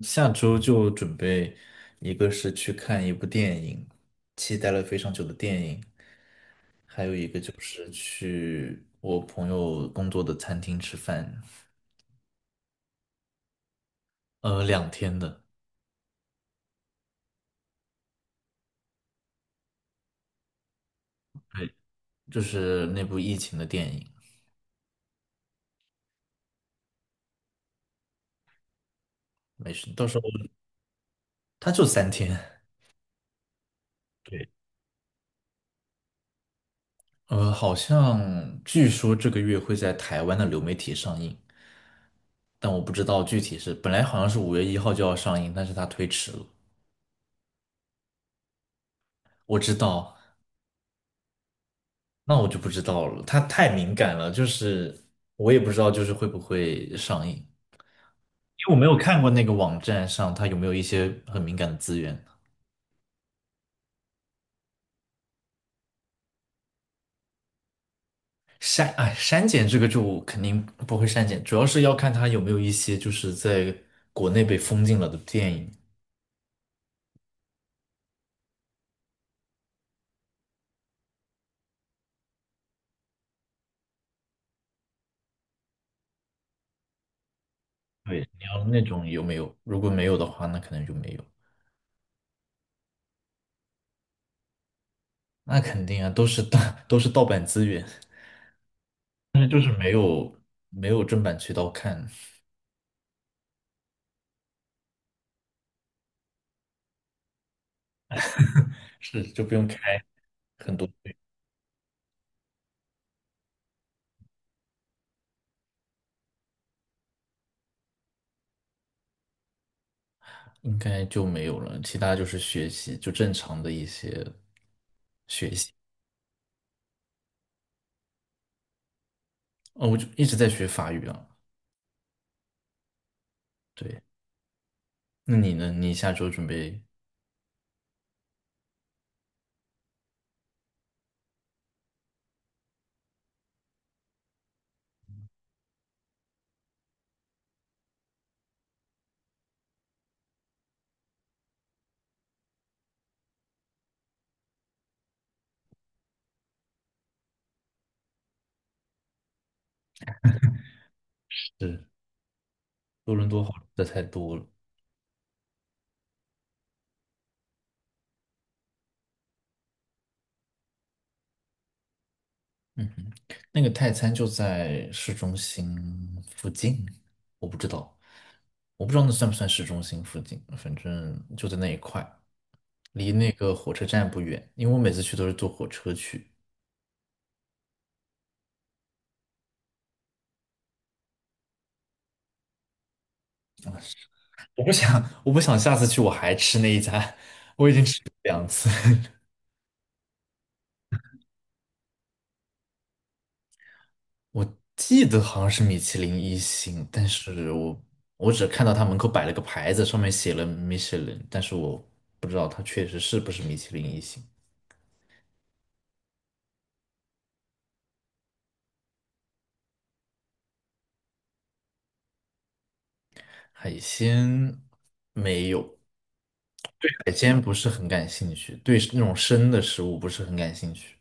下周就准备，一个是去看一部电影，期待了非常久的电影，还有一个就是去我朋友工作的餐厅吃饭。2天的。对，就是那部疫情的电影。没事，到时候。他就3天。对，好像据说这个月会在台湾的流媒体上映，但我不知道具体是，本来好像是5月1号就要上映，但是它推迟了。我知道。那我就不知道了，它太敏感了，就是我也不知道，就是会不会上映，因为我没有看过那个网站上它有没有一些很敏感的资源。删，哎，删减这个就肯定不会删减，主要是要看它有没有一些就是在国内被封禁了的电影。对，你要那种有没有？如果没有的话，那可能就没有。那肯定啊，都是盗，都是盗版资源，但是就是没有正版渠道看。是，就不用开很多。应该就没有了，其他就是学习，就正常的一些学习。哦，我就一直在学法语啊。对。那你呢？你下周准备。是，多伦多好吃的太多了。嗯哼，那个泰餐就在市中心附近。我不知道，我不知道那算不算市中心附近，反正就在那一块，离那个火车站不远。因为我每次去都是坐火车去。我不想下次去我还吃那一家，我已经吃了两次。我记得好像是米其林一星，但是我只看到他门口摆了个牌子，上面写了米其林，但是我不知道它确实是不是米其林一星。海鲜没有。海鲜不是很感兴趣，对那种生的食物不是很感兴趣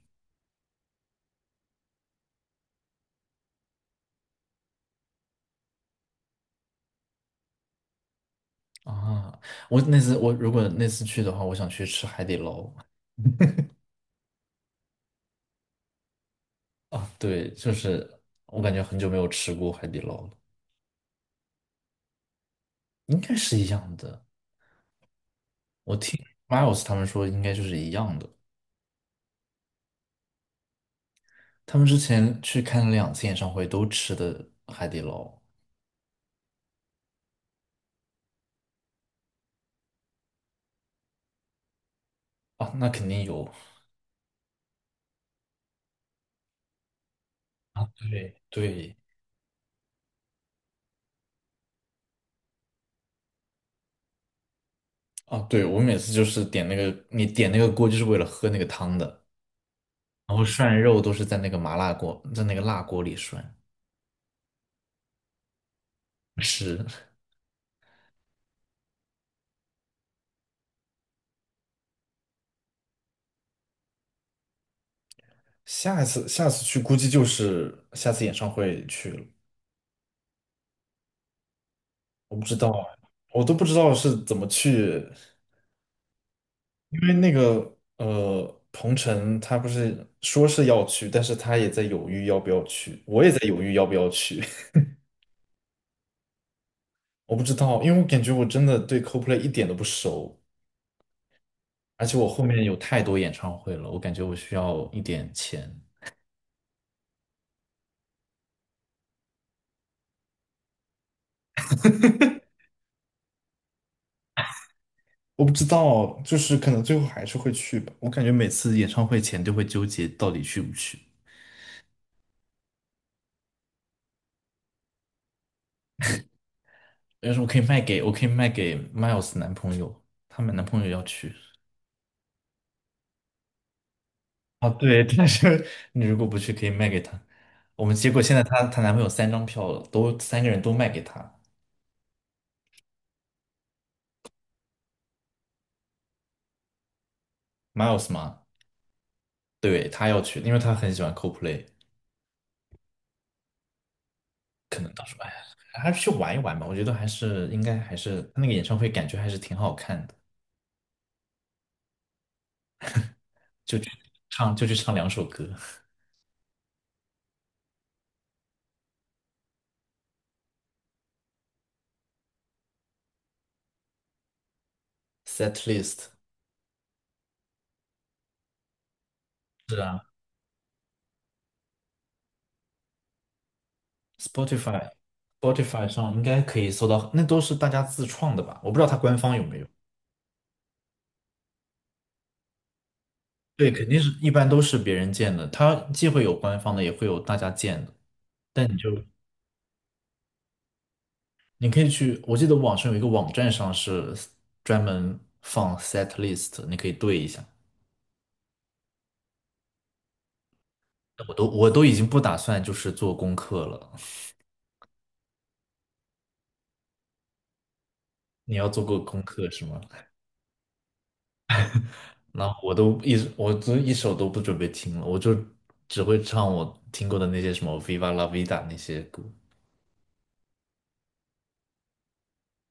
啊。我如果那次去的话，我想去吃海底捞啊。对，就是我感觉很久没有吃过海底捞了。应该是一样的。我听 Miles 他们说应该就是一样的。他们之前去看了2次演唱会，都吃的海底捞。啊，那肯定有。啊，对对啊。对，我每次就是点那个，你点那个锅就是为了喝那个汤的，然后涮肉都是在那个麻辣锅，在那个辣锅里涮。是，下次去估计就是下次演唱会去了。我不知道啊，我都不知道是怎么去，因为那个鹏程他不是说是要去，但是他也在犹豫要不要去，我也在犹豫要不要去。我不知道，因为我感觉我真的对 c o l p l a y 一点都不熟，而且我后面有太多演唱会了，我感觉我需要一点钱。我不知道，就是可能最后还是会去吧。我感觉每次演唱会前都会纠结到底去不去。但是我可以卖给 Miles 男朋友，他们男朋友要去。啊，对，但是你如果不去，可以卖给他。我们结果现在她男朋友3张票了，都3个人都卖给她。Miles 嘛。对，他要去，因为他很喜欢 c o l p l a y。 可能到时候哎，还是去玩一玩吧。我觉得还是应该还是他那个演唱会感觉还是挺好看的，就去就去唱2首歌。Set list。 是啊，Spotify Spotify 上应该可以搜到，那都是大家自创的吧？我不知道它官方有没有。对，肯定是一般都是别人建的，它既会有官方的，也会有大家建的。但你就，你可以去，我记得网上有一个网站上是专门放 set list,你可以对一下。我都已经不打算就是做功课了。你要做过功课是吗？那我都一首都不准备听了，我就只会唱我听过的那些什么《Viva La Vida》那些歌。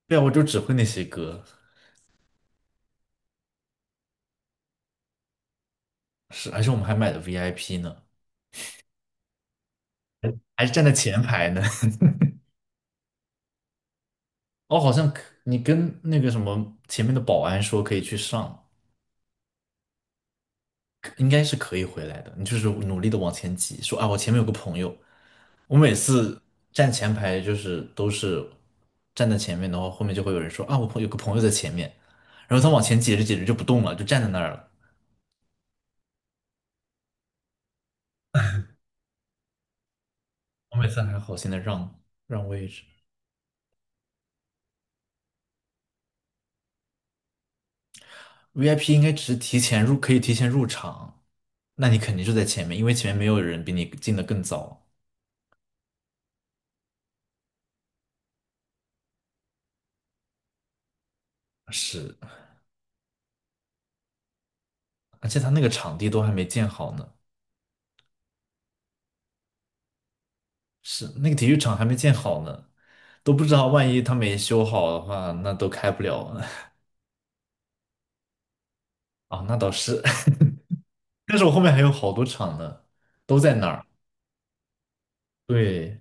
对啊，我就只会那些歌。是，而且我们还买的 VIP 呢，还是站在前排呢。哦，好像，可你跟那个什么前面的保安说可以去上。应该是可以回来的。你就是努力的往前挤，说啊，我前面有个朋友。我每次站前排就是都是站在前面的话，后面就会有人说啊，有个朋友在前面，然后他往前挤着挤着就不动了，就站在那儿了。我每次还好心的让位置。VIP 应该只是提前入，可以提前入场，那你肯定就在前面，因为前面没有人比你进的更早。是，而且他那个场地都还没建好呢，是那个体育场还没建好呢，都不知道万一他没修好的话，那都开不了了。啊，那倒是。但是我后面还有好多场呢，都在那儿。对，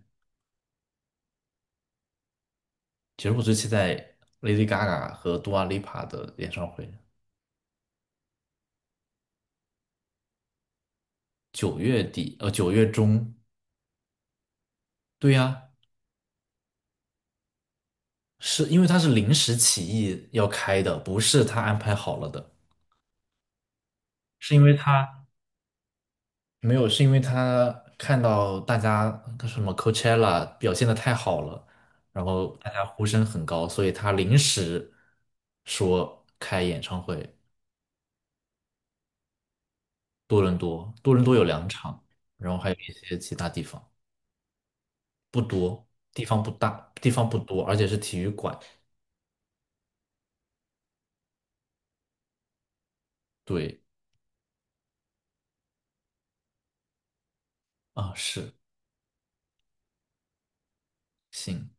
其实我最期待 Lady Gaga 和 Dua Lipa 的演唱会。9月底，9月中。对呀，是因为他是临时起意要开的，不是他安排好了的，是因为他没有，是因为他看到大家什么 Coachella 表现的太好了，然后大家呼声很高，所以他临时说开演唱会。多伦多，多伦多有2场，然后还有一些其他地方，不多，地方不大，地方不多，而且是体育馆。对。啊，是。行。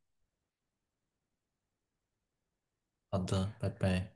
好的，拜拜。